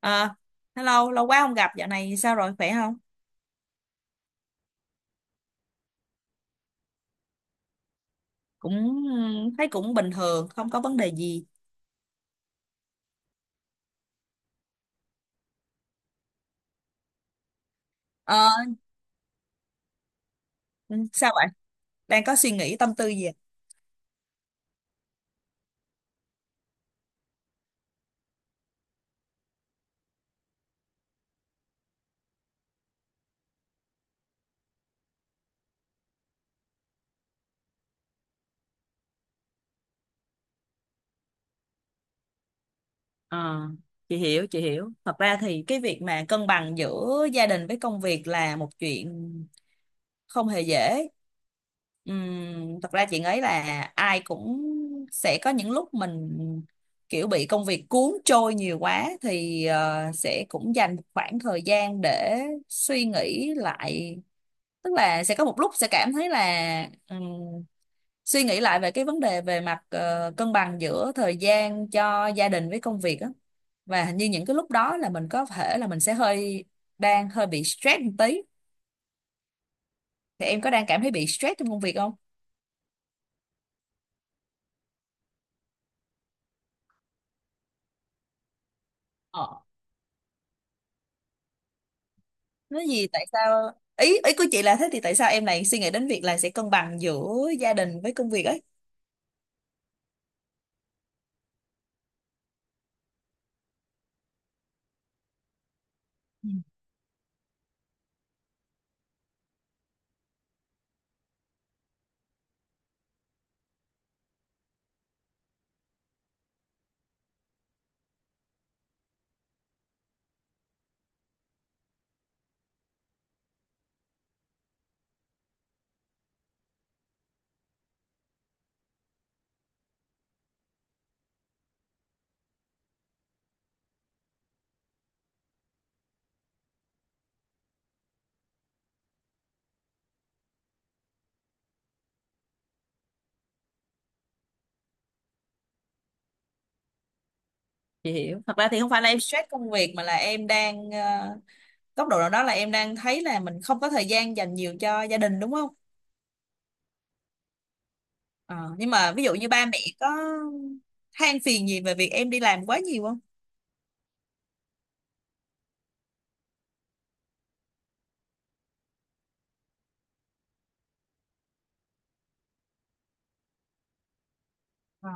À, hello, lâu quá không gặp, dạo này sao rồi, khỏe không? Cũng Thấy cũng bình thường, không có vấn đề gì. Ờ, Sao vậy? Đang có suy nghĩ tâm tư gì? Ờ, chị hiểu, thật ra thì cái việc mà cân bằng giữa gia đình với công việc là một chuyện không hề dễ. Thật ra chị nghĩ là ai cũng sẽ có những lúc mình kiểu bị công việc cuốn trôi nhiều quá thì sẽ cũng dành một khoảng thời gian để suy nghĩ lại, tức là sẽ có một lúc sẽ cảm thấy là suy nghĩ lại về cái vấn đề về mặt cân bằng giữa thời gian cho gia đình với công việc á. Và hình như những cái lúc đó là mình có thể là mình sẽ hơi đang hơi bị stress một tí, thì em có đang cảm thấy bị stress trong công việc không? Ờ. Nói gì tại sao ý ý của chị là thế, thì tại sao em lại suy nghĩ đến việc là sẽ cân bằng giữa gia đình với công việc ấy? Ừ, chị hiểu. Thật ra thì không phải là em stress công việc mà là em đang góc độ nào đó là em đang thấy là mình không có thời gian dành nhiều cho gia đình, đúng không? Ờ, nhưng mà ví dụ như ba mẹ có than phiền gì về việc em đi làm quá nhiều không? Ờ.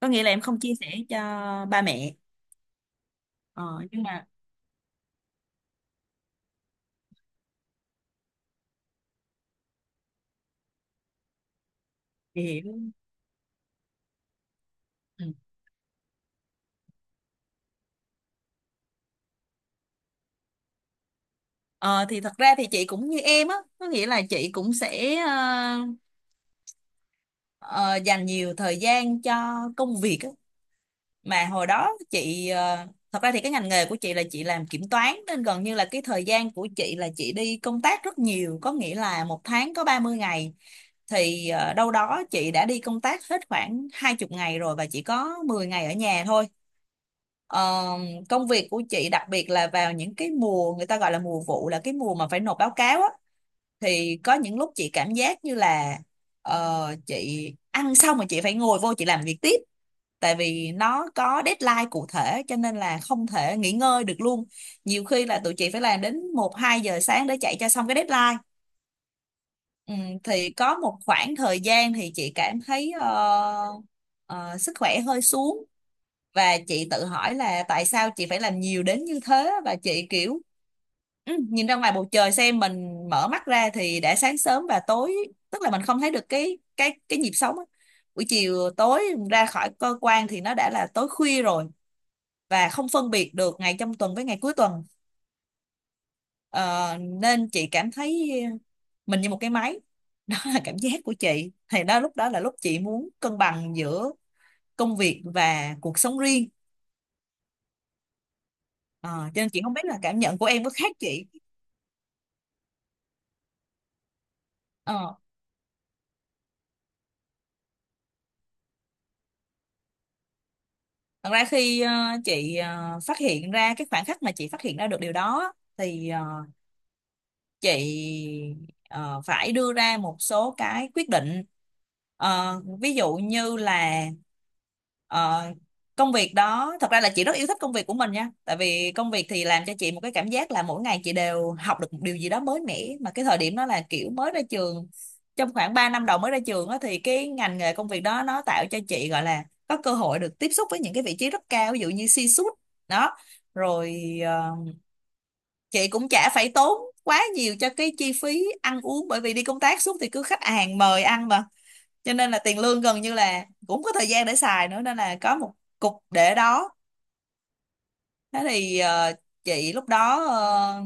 Có nghĩa là em không chia sẻ cho ba mẹ. Ờ, nhưng mà chị hiểu. Ừ. Ờ, thì thật ra thì chị cũng như em á, có nghĩa là chị cũng sẽ ờ, dành nhiều thời gian cho công việc á. Mà hồi đó chị thật ra thì cái ngành nghề của chị là chị làm kiểm toán, nên gần như là cái thời gian của chị là chị đi công tác rất nhiều, có nghĩa là một tháng có 30 ngày, thì đâu đó chị đã đi công tác hết khoảng 20 ngày rồi và chỉ có 10 ngày ở nhà thôi. Ờ, Công việc của chị đặc biệt là vào những cái mùa người ta gọi là mùa vụ, là cái mùa mà phải nộp báo cáo á, thì có những lúc chị cảm giác như là chị ăn xong rồi chị phải ngồi vô chị làm việc tiếp, tại vì nó có deadline cụ thể cho nên là không thể nghỉ ngơi được luôn. Nhiều khi là tụi chị phải làm đến một hai giờ sáng để chạy cho xong cái deadline. ừ, thì có một khoảng thời gian thì chị cảm thấy sức khỏe hơi xuống, và chị tự hỏi là tại sao chị phải làm nhiều đến như thế, và chị kiểu nhìn ra ngoài bầu trời xem mình mở mắt ra thì đã sáng sớm và tối, tức là mình không thấy được cái nhịp sống á. Buổi chiều tối ra khỏi cơ quan thì nó đã là tối khuya rồi, và không phân biệt được ngày trong tuần với ngày cuối tuần. Ờ, Nên chị cảm thấy mình như một cái máy. Đó là cảm giác của chị, thì đó lúc đó là lúc chị muốn cân bằng giữa công việc và cuộc sống riêng. Ờ, cho nên chị không biết là cảm nhận của em có khác chị. Ờ, Thật ra khi chị phát hiện ra cái khoảng khắc mà chị phát hiện ra được điều đó thì chị ờ, phải đưa ra một số cái quyết định. Ví dụ như là ờ, công việc đó thật ra là chị rất yêu thích công việc của mình nha, tại vì công việc thì làm cho chị một cái cảm giác là mỗi ngày chị đều học được một điều gì đó mới mẻ, mà cái thời điểm đó là kiểu mới ra trường, trong khoảng 3 năm đầu mới ra trường á, thì cái ngành nghề công việc đó nó tạo cho chị gọi là có cơ hội được tiếp xúc với những cái vị trí rất cao, ví dụ như C-suite. Đó rồi chị cũng chả phải tốn quá nhiều cho cái chi phí ăn uống, bởi vì đi công tác suốt thì cứ khách hàng mời ăn mà, cho nên là tiền lương gần như là cũng có thời gian để xài nữa, nên là có một cục để đó. Thế thì chị lúc đó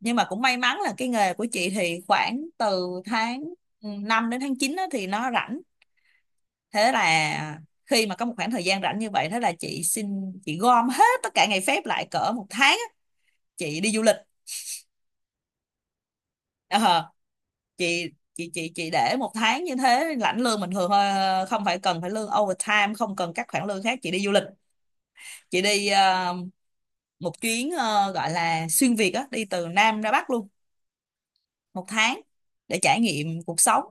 nhưng mà cũng may mắn là cái nghề của chị thì khoảng từ tháng 5 đến tháng 9 á thì nó rảnh. Thế là khi mà có một khoảng thời gian rảnh như vậy, thế là chị xin chị gom hết tất cả ngày phép lại cỡ một tháng á, chị đi du lịch. Ờ, chị để một tháng như thế lãnh lương bình thường thôi, không phải cần phải lương overtime, không cần các khoản lương khác, chị đi du lịch, chị đi một chuyến gọi là xuyên Việt á, đi từ Nam ra Bắc luôn một tháng để trải nghiệm cuộc sống,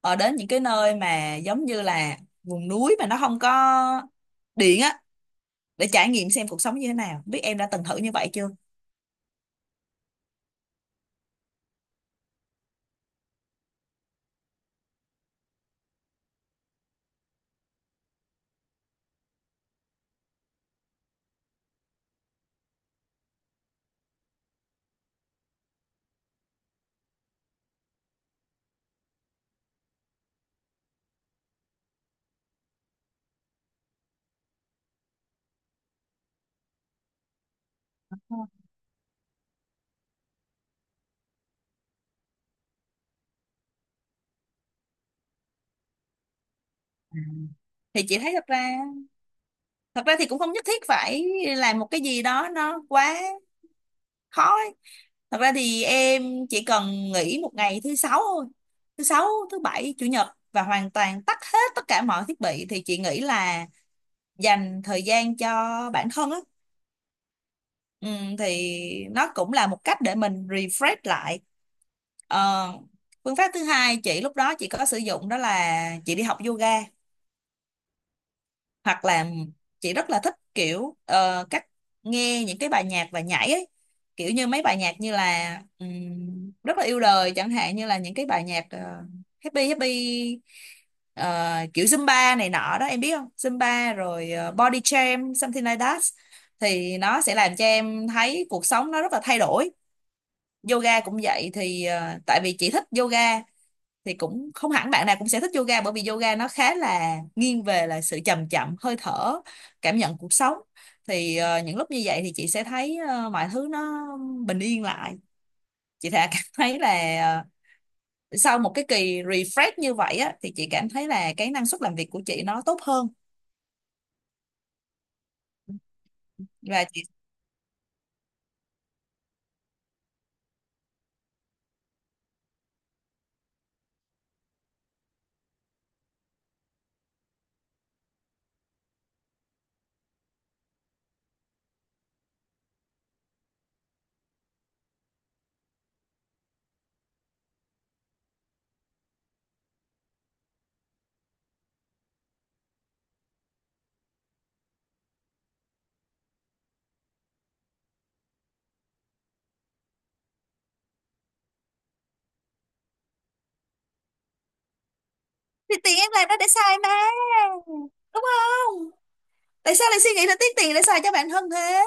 ở đến những cái nơi mà giống như là vùng núi mà nó không có điện á, để trải nghiệm xem cuộc sống như thế nào, biết em đã từng thử như vậy chưa. Thì chị thấy thật ra, thật ra thì cũng không nhất thiết phải làm một cái gì đó nó quá khó. Thật ra thì em chỉ cần nghỉ một ngày thứ sáu thôi, thứ sáu, thứ bảy, chủ nhật, và hoàn toàn tắt hết tất cả mọi thiết bị thì chị nghĩ là dành thời gian cho bản thân á, ừ, thì nó cũng là một cách để mình refresh lại. Ờ, Phương pháp thứ hai chị lúc đó chị có sử dụng đó là chị đi học yoga, hoặc là chị rất là thích kiểu cách nghe những cái bài nhạc và nhảy ấy, kiểu như mấy bài nhạc như là rất là yêu đời chẳng hạn, như là những cái bài nhạc happy happy, kiểu Zumba này nọ đó, em biết không? Zumba rồi body jam, something like that, thì nó sẽ làm cho em thấy cuộc sống nó rất là thay đổi. Yoga cũng vậy, thì tại vì chị thích yoga, thì cũng không hẳn bạn nào cũng sẽ thích yoga, bởi vì yoga nó khá là nghiêng về là sự chậm, chậm hơi thở, cảm nhận cuộc sống. Thì những lúc như vậy thì chị sẽ thấy mọi thứ nó bình yên lại. Chị thà cảm thấy là ờ, sau một cái kỳ refresh như vậy á, thì chị cảm thấy là cái năng suất làm việc của chị nó tốt hơn. Và chị thì tiền em làm đó để xài mà, đúng không? Tại sao lại suy nghĩ là tiếc tiền để xài cho bản thân thế?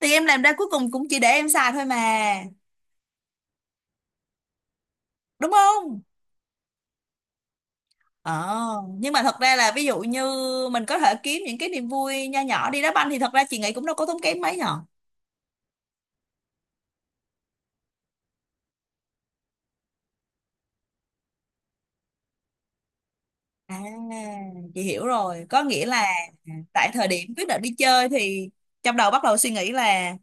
Thì em làm ra cuối cùng cũng chỉ để em xài thôi mà, đúng không? Ờ, nhưng mà thật ra là ví dụ như mình có thể kiếm những cái niềm vui nho nhỏ, đi đá banh thì thật ra chị nghĩ cũng đâu có tốn kém mấy nhở. À, chị hiểu rồi. Có nghĩa là tại thời điểm quyết định đi chơi thì trong đầu bắt đầu suy nghĩ là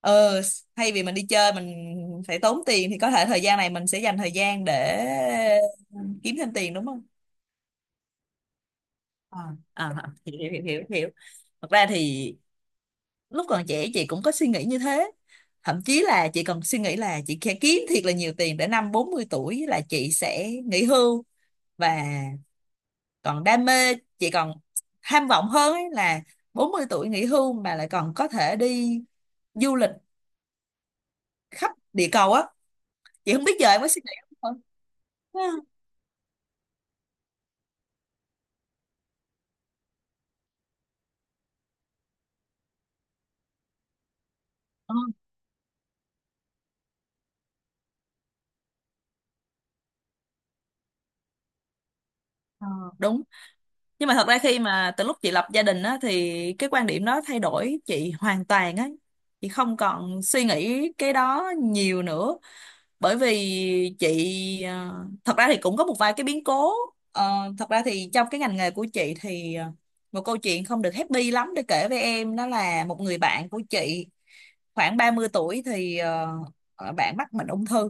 ờ thay vì mình đi chơi mình phải tốn tiền, thì có thể thời gian này mình sẽ dành thời gian để kiếm thêm tiền, đúng không? À, hiểu hiểu hiểu hiểu. Thật ra thì lúc còn trẻ chị cũng có suy nghĩ như thế, thậm chí là chị còn suy nghĩ là chị sẽ kiếm thiệt là nhiều tiền để năm 40 tuổi là chị sẽ nghỉ hưu, và còn đam mê, chị còn tham vọng hơn ấy là 40 tuổi nghỉ hưu mà lại còn có thể đi du lịch khắp địa cầu á. Chị không biết giờ em có suy nghĩ không. Ừ. Ừ. Ờ, ờ, đúng. Nhưng mà thật ra khi mà từ lúc chị lập gia đình á thì cái quan điểm đó thay đổi chị hoàn toàn á, chị không còn suy nghĩ cái đó nhiều nữa, bởi vì chị ờ, thật ra thì cũng có một vài cái biến cố. Ờ, Thật ra thì trong cái ngành nghề của chị thì một câu chuyện không được happy lắm để kể với em, đó là một người bạn của chị khoảng 30 tuổi thì bạn mắc bệnh ung thư,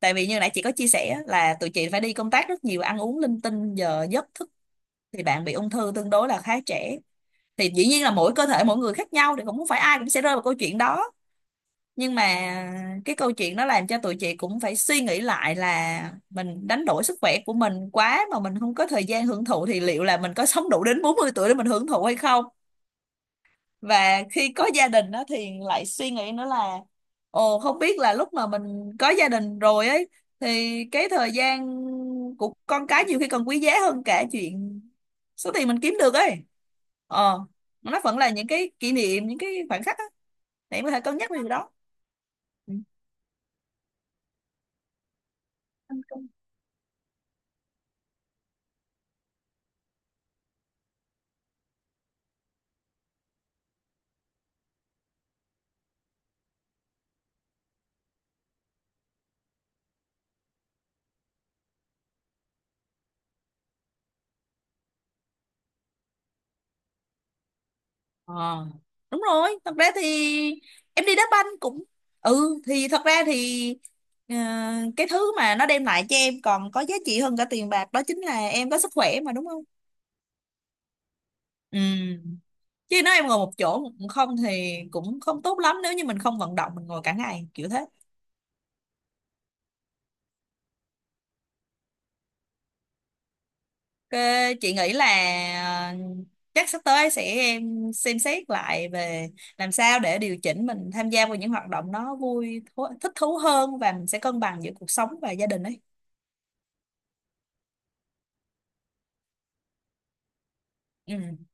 tại vì như nãy chị có chia sẻ là tụi chị phải đi công tác rất nhiều, ăn uống linh tinh giờ giấc thức, thì bạn bị ung thư tương đối là khá trẻ. Thì dĩ nhiên là mỗi cơ thể mỗi người khác nhau, thì cũng không phải ai cũng sẽ rơi vào câu chuyện đó, nhưng mà cái câu chuyện nó làm cho tụi chị cũng phải suy nghĩ lại là mình đánh đổi sức khỏe của mình quá mà mình không có thời gian hưởng thụ, thì liệu là mình có sống đủ đến 40 tuổi để mình hưởng thụ hay không. Và khi có gia đình đó thì lại suy nghĩ nữa là, ồ, không biết là lúc mà mình có gia đình rồi ấy thì cái thời gian của con cái nhiều khi còn quý giá hơn cả chuyện số tiền mình kiếm được ấy, ờ nó vẫn là những cái kỷ niệm, những cái khoảnh khắc á, để em có thể cân nhắc về điều đó. Ừ. Ờ, đúng rồi. Thật ra thì em đi đá banh cũng, thì thật ra thì ờ, cái thứ mà nó đem lại cho em còn có giá trị hơn cả tiền bạc, đó chính là em có sức khỏe mà, đúng không? Ừ. Chứ nếu em ngồi một chỗ không thì cũng không tốt lắm, nếu như mình không vận động mình ngồi cả ngày kiểu thế. Ờ, chị nghĩ là ờ, chắc sắp tới sẽ em xem xét lại về làm sao để điều chỉnh mình tham gia vào những hoạt động nó thích thú hơn, và mình sẽ cân bằng giữa cuộc sống và gia đình ấy. Ừ.